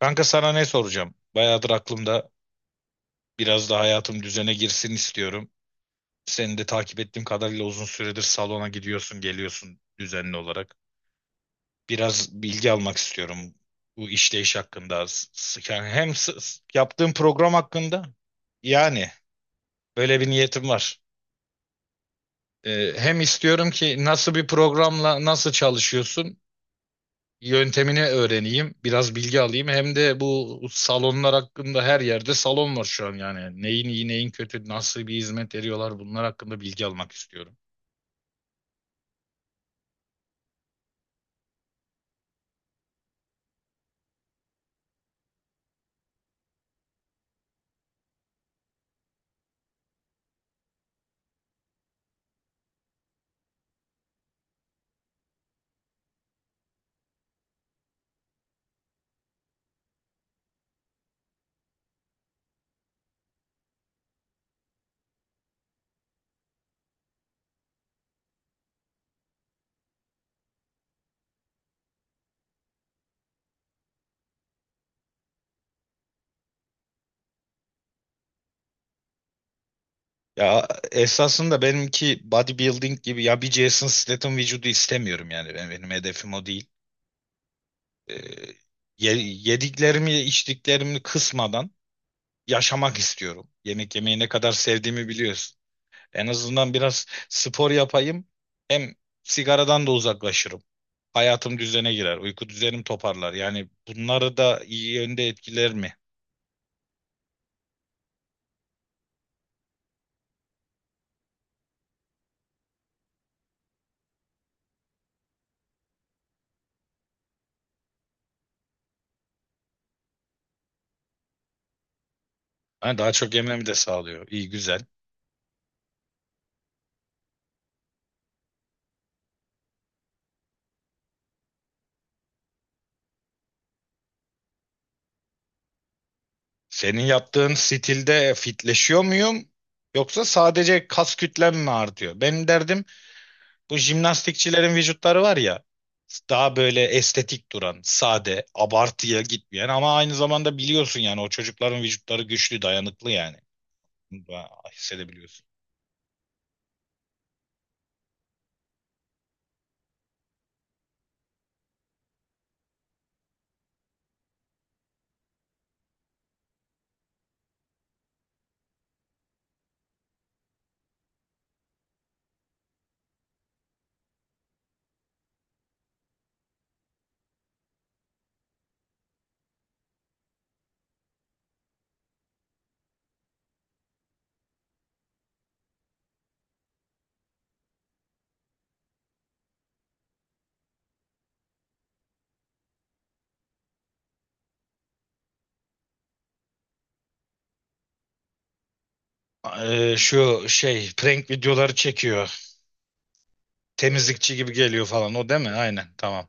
Kanka sana ne soracağım? Bayağıdır aklımda biraz da hayatım düzene girsin istiyorum. Seni de takip ettiğim kadarıyla uzun süredir salona gidiyorsun, geliyorsun düzenli olarak. Biraz bilgi almak istiyorum bu işleyiş hakkında. Yani hem yaptığım program hakkında yani böyle bir niyetim var. Hem istiyorum ki nasıl bir programla nasıl çalışıyorsun? Yöntemini öğreneyim, biraz bilgi alayım. Hem de bu salonlar hakkında her yerde salon var şu an yani. Neyin iyi, neyin kötü, nasıl bir hizmet veriyorlar bunlar hakkında bilgi almak istiyorum. Ya esasında benimki bodybuilding gibi ya bir Jason Statham vücudu istemiyorum yani benim hedefim o değil. Ee, Yediklerimi içtiklerimi kısmadan yaşamak istiyorum. Yemek yemeyi ne kadar sevdiğimi biliyorsun. En azından biraz spor yapayım hem sigaradan da uzaklaşırım. Hayatım düzene girer. Uyku düzenim toparlar. Yani bunları da iyi yönde etkiler mi? Yani daha çok yememi de sağlıyor. İyi güzel. Senin yaptığın stilde fitleşiyor muyum? Yoksa sadece kas kütlem mi artıyor? Benim derdim bu jimnastikçilerin vücutları var ya daha böyle estetik duran, sade, abartıya gitmeyen ama aynı zamanda biliyorsun yani o çocukların vücutları güçlü, dayanıklı yani. Bunu da hissedebiliyorsun. Şu şey prank videoları çekiyor. Temizlikçi gibi geliyor falan o değil mi? Aynen tamam.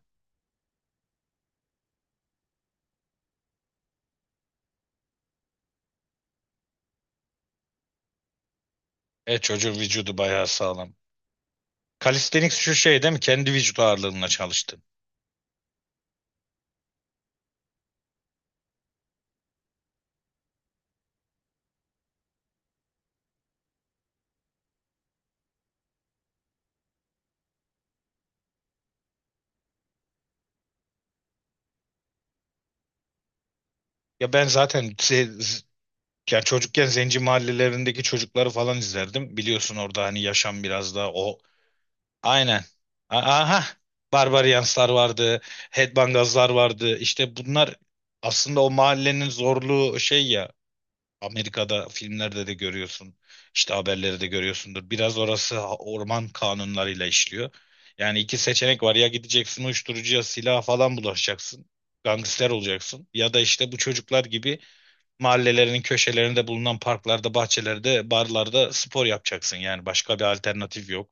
E çocuğun vücudu bayağı sağlam. Calisthenics şu şey değil mi? Kendi vücut ağırlığınla çalıştın. Ya ben zaten ya çocukken zenci mahallelerindeki çocukları falan izlerdim. Biliyorsun orada hani yaşam biraz daha o. Aynen. Aha. Barbarianslar vardı. Headbangazlar vardı. İşte bunlar aslında o mahallenin zorluğu şey ya. Amerika'da filmlerde de görüyorsun. İşte haberleri de görüyorsundur. Biraz orası orman kanunlarıyla işliyor. Yani iki seçenek var. Ya gideceksin uyuşturucuya, silaha falan bulaşacaksın. Gangster olacaksın. Ya da işte bu çocuklar gibi mahallelerinin köşelerinde bulunan parklarda, bahçelerde, barlarda spor yapacaksın. Yani başka bir alternatif yok.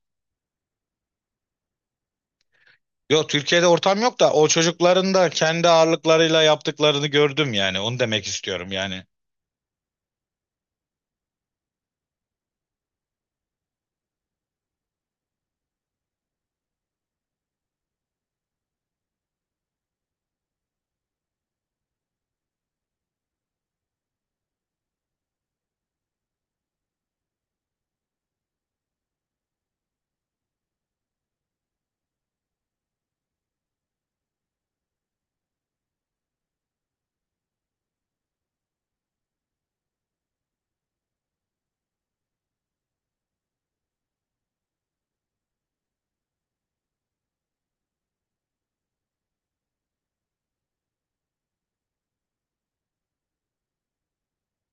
Yok Türkiye'de ortam yok da o çocukların da kendi ağırlıklarıyla yaptıklarını gördüm yani. Onu demek istiyorum yani.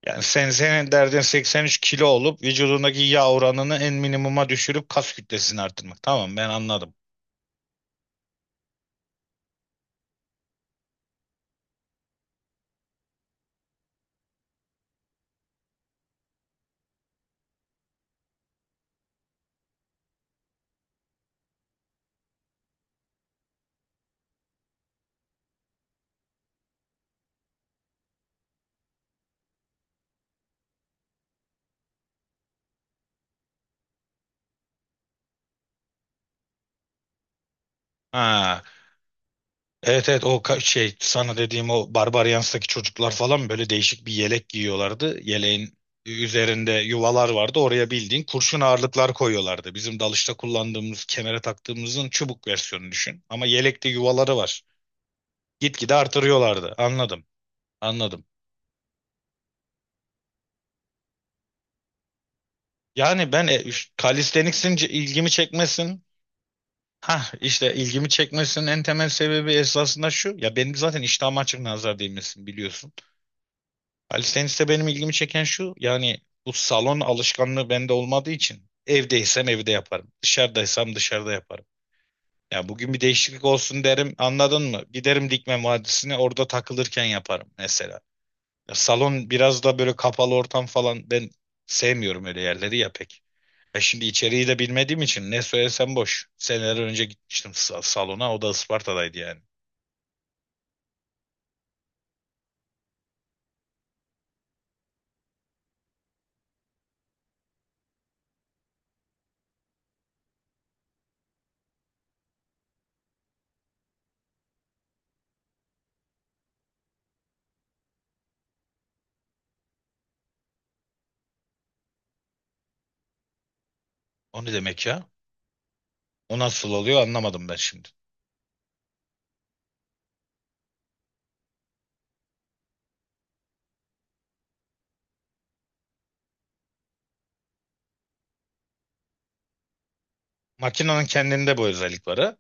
Yani sen senin derdin 83 kilo olup vücudundaki yağ oranını en minimuma düşürüp kas kütlesini arttırmak. Tamam ben anladım. Ha, evet evet o şey sana dediğim o Barbarians'taki çocuklar falan böyle değişik bir yelek giyiyorlardı. Yeleğin üzerinde yuvalar vardı. Oraya bildiğin kurşun ağırlıklar koyuyorlardı. Bizim dalışta kullandığımız, kemere taktığımızın çubuk versiyonunu düşün. Ama yelekte yuvaları var. Gitgide artırıyorlardı. Anladım. Anladım. Yani ben calisthenics'in ilgimi çekmesin. Ha işte ilgimi çekmesinin en temel sebebi esasında şu. Ya benim zaten iştahım açık nazar değmesin biliyorsun. Alice Tennis'te benim ilgimi çeken şu. Yani bu salon alışkanlığı bende olmadığı için evdeysem evde yaparım. Dışarıdaysam dışarıda yaparım. Ya bugün bir değişiklik olsun derim anladın mı? Giderim Dikme Vadisi'ne orada takılırken yaparım mesela. Ya salon biraz da böyle kapalı ortam falan ben sevmiyorum öyle yerleri ya pek. E şimdi içeriği de bilmediğim için ne söylesem boş. Seneler önce gitmiştim salona. O da Isparta'daydı yani. O ne demek ya? O nasıl oluyor anlamadım ben şimdi. Makinenin kendinde bu özellik var ha?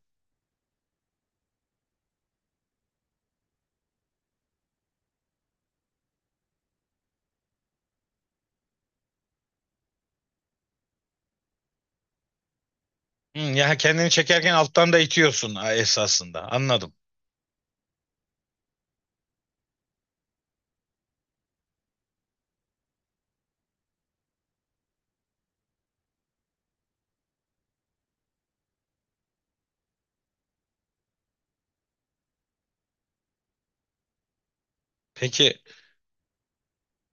Hı, ya kendini çekerken alttan da itiyorsun ha, esasında. Anladım. Peki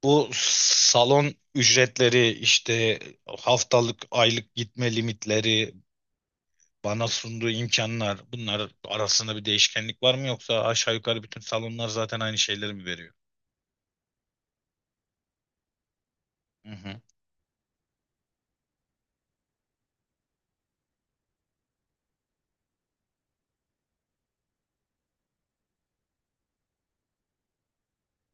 bu salon ücretleri işte haftalık aylık gitme limitleri bana sunduğu imkanlar bunlar arasında bir değişkenlik var mı yoksa aşağı yukarı bütün salonlar zaten aynı şeyleri mi veriyor? Hı hı.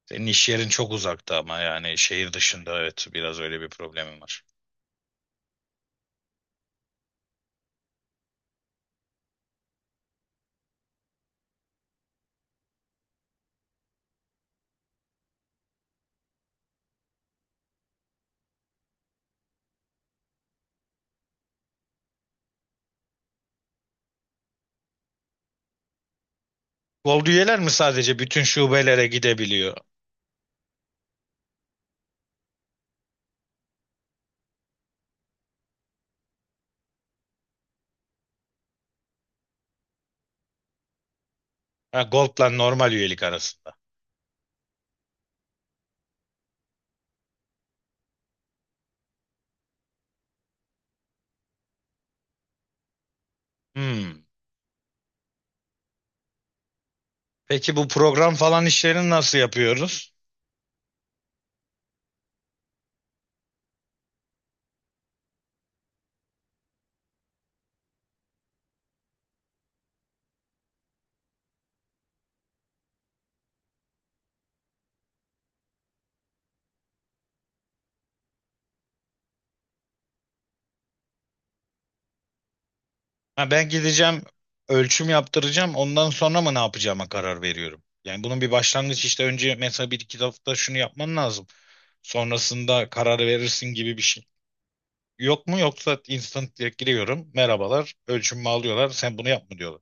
Senin iş yerin çok uzakta ama yani şehir dışında evet biraz öyle bir problemim var. Gold üyeler mi sadece bütün şubelere gidebiliyor? Ha, Gold'la normal üyelik arasında. Hmm. Peki bu program falan işlerini nasıl yapıyoruz? Ha, ben gideceğim ölçüm yaptıracağım ondan sonra mı ne yapacağıma karar veriyorum. Yani bunun bir başlangıç işte önce mesela bir iki hafta şunu yapman lazım. Sonrasında karar verirsin gibi bir şey. Yok mu yoksa instant direkt giriyorum. Merhabalar ölçümümü alıyorlar sen bunu yapma diyorlar.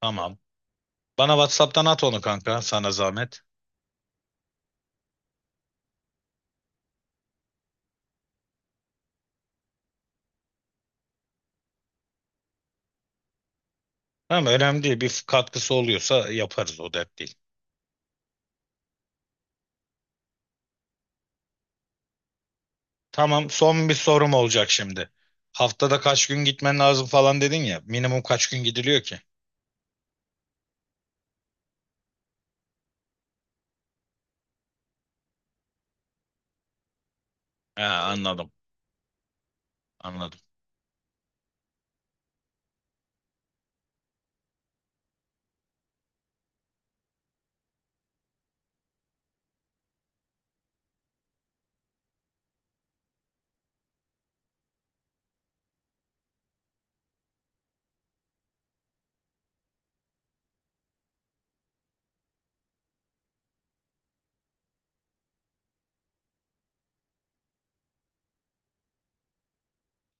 Tamam. Bana WhatsApp'tan at onu kanka sana zahmet. Tamam önemli değil. Bir katkısı oluyorsa yaparız o dert değil. Tamam son bir sorum olacak şimdi. Haftada kaç gün gitmen lazım falan dedin ya. Minimum kaç gün gidiliyor ki? He anladım. Anladım.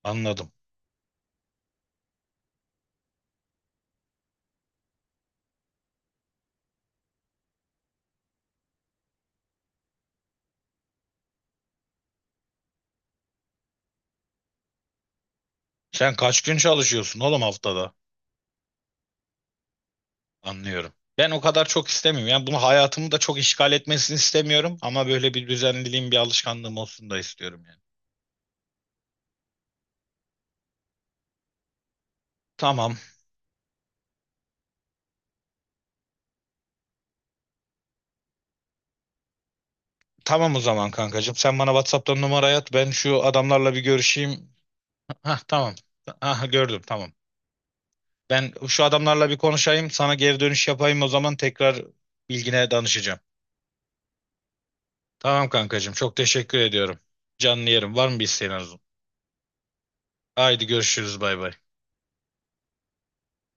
Anladım. Sen kaç gün çalışıyorsun oğlum haftada? Anlıyorum. Ben o kadar çok istemiyorum. Yani bunu hayatımı da çok işgal etmesini istemiyorum. Ama böyle bir düzenliliğim, bir alışkanlığım olsun da istiyorum yani. Tamam. Tamam o zaman kankacığım. Sen bana WhatsApp'tan numarayı at. Ben şu adamlarla bir görüşeyim. Ha tamam. Aha gördüm tamam. Ben şu adamlarla bir konuşayım, sana geri dönüş yapayım o zaman tekrar bilgine danışacağım. Tamam kankacığım, çok teşekkür ediyorum. Canlı yerim. Var mı bir isteğin Arzu? Haydi görüşürüz bay bay.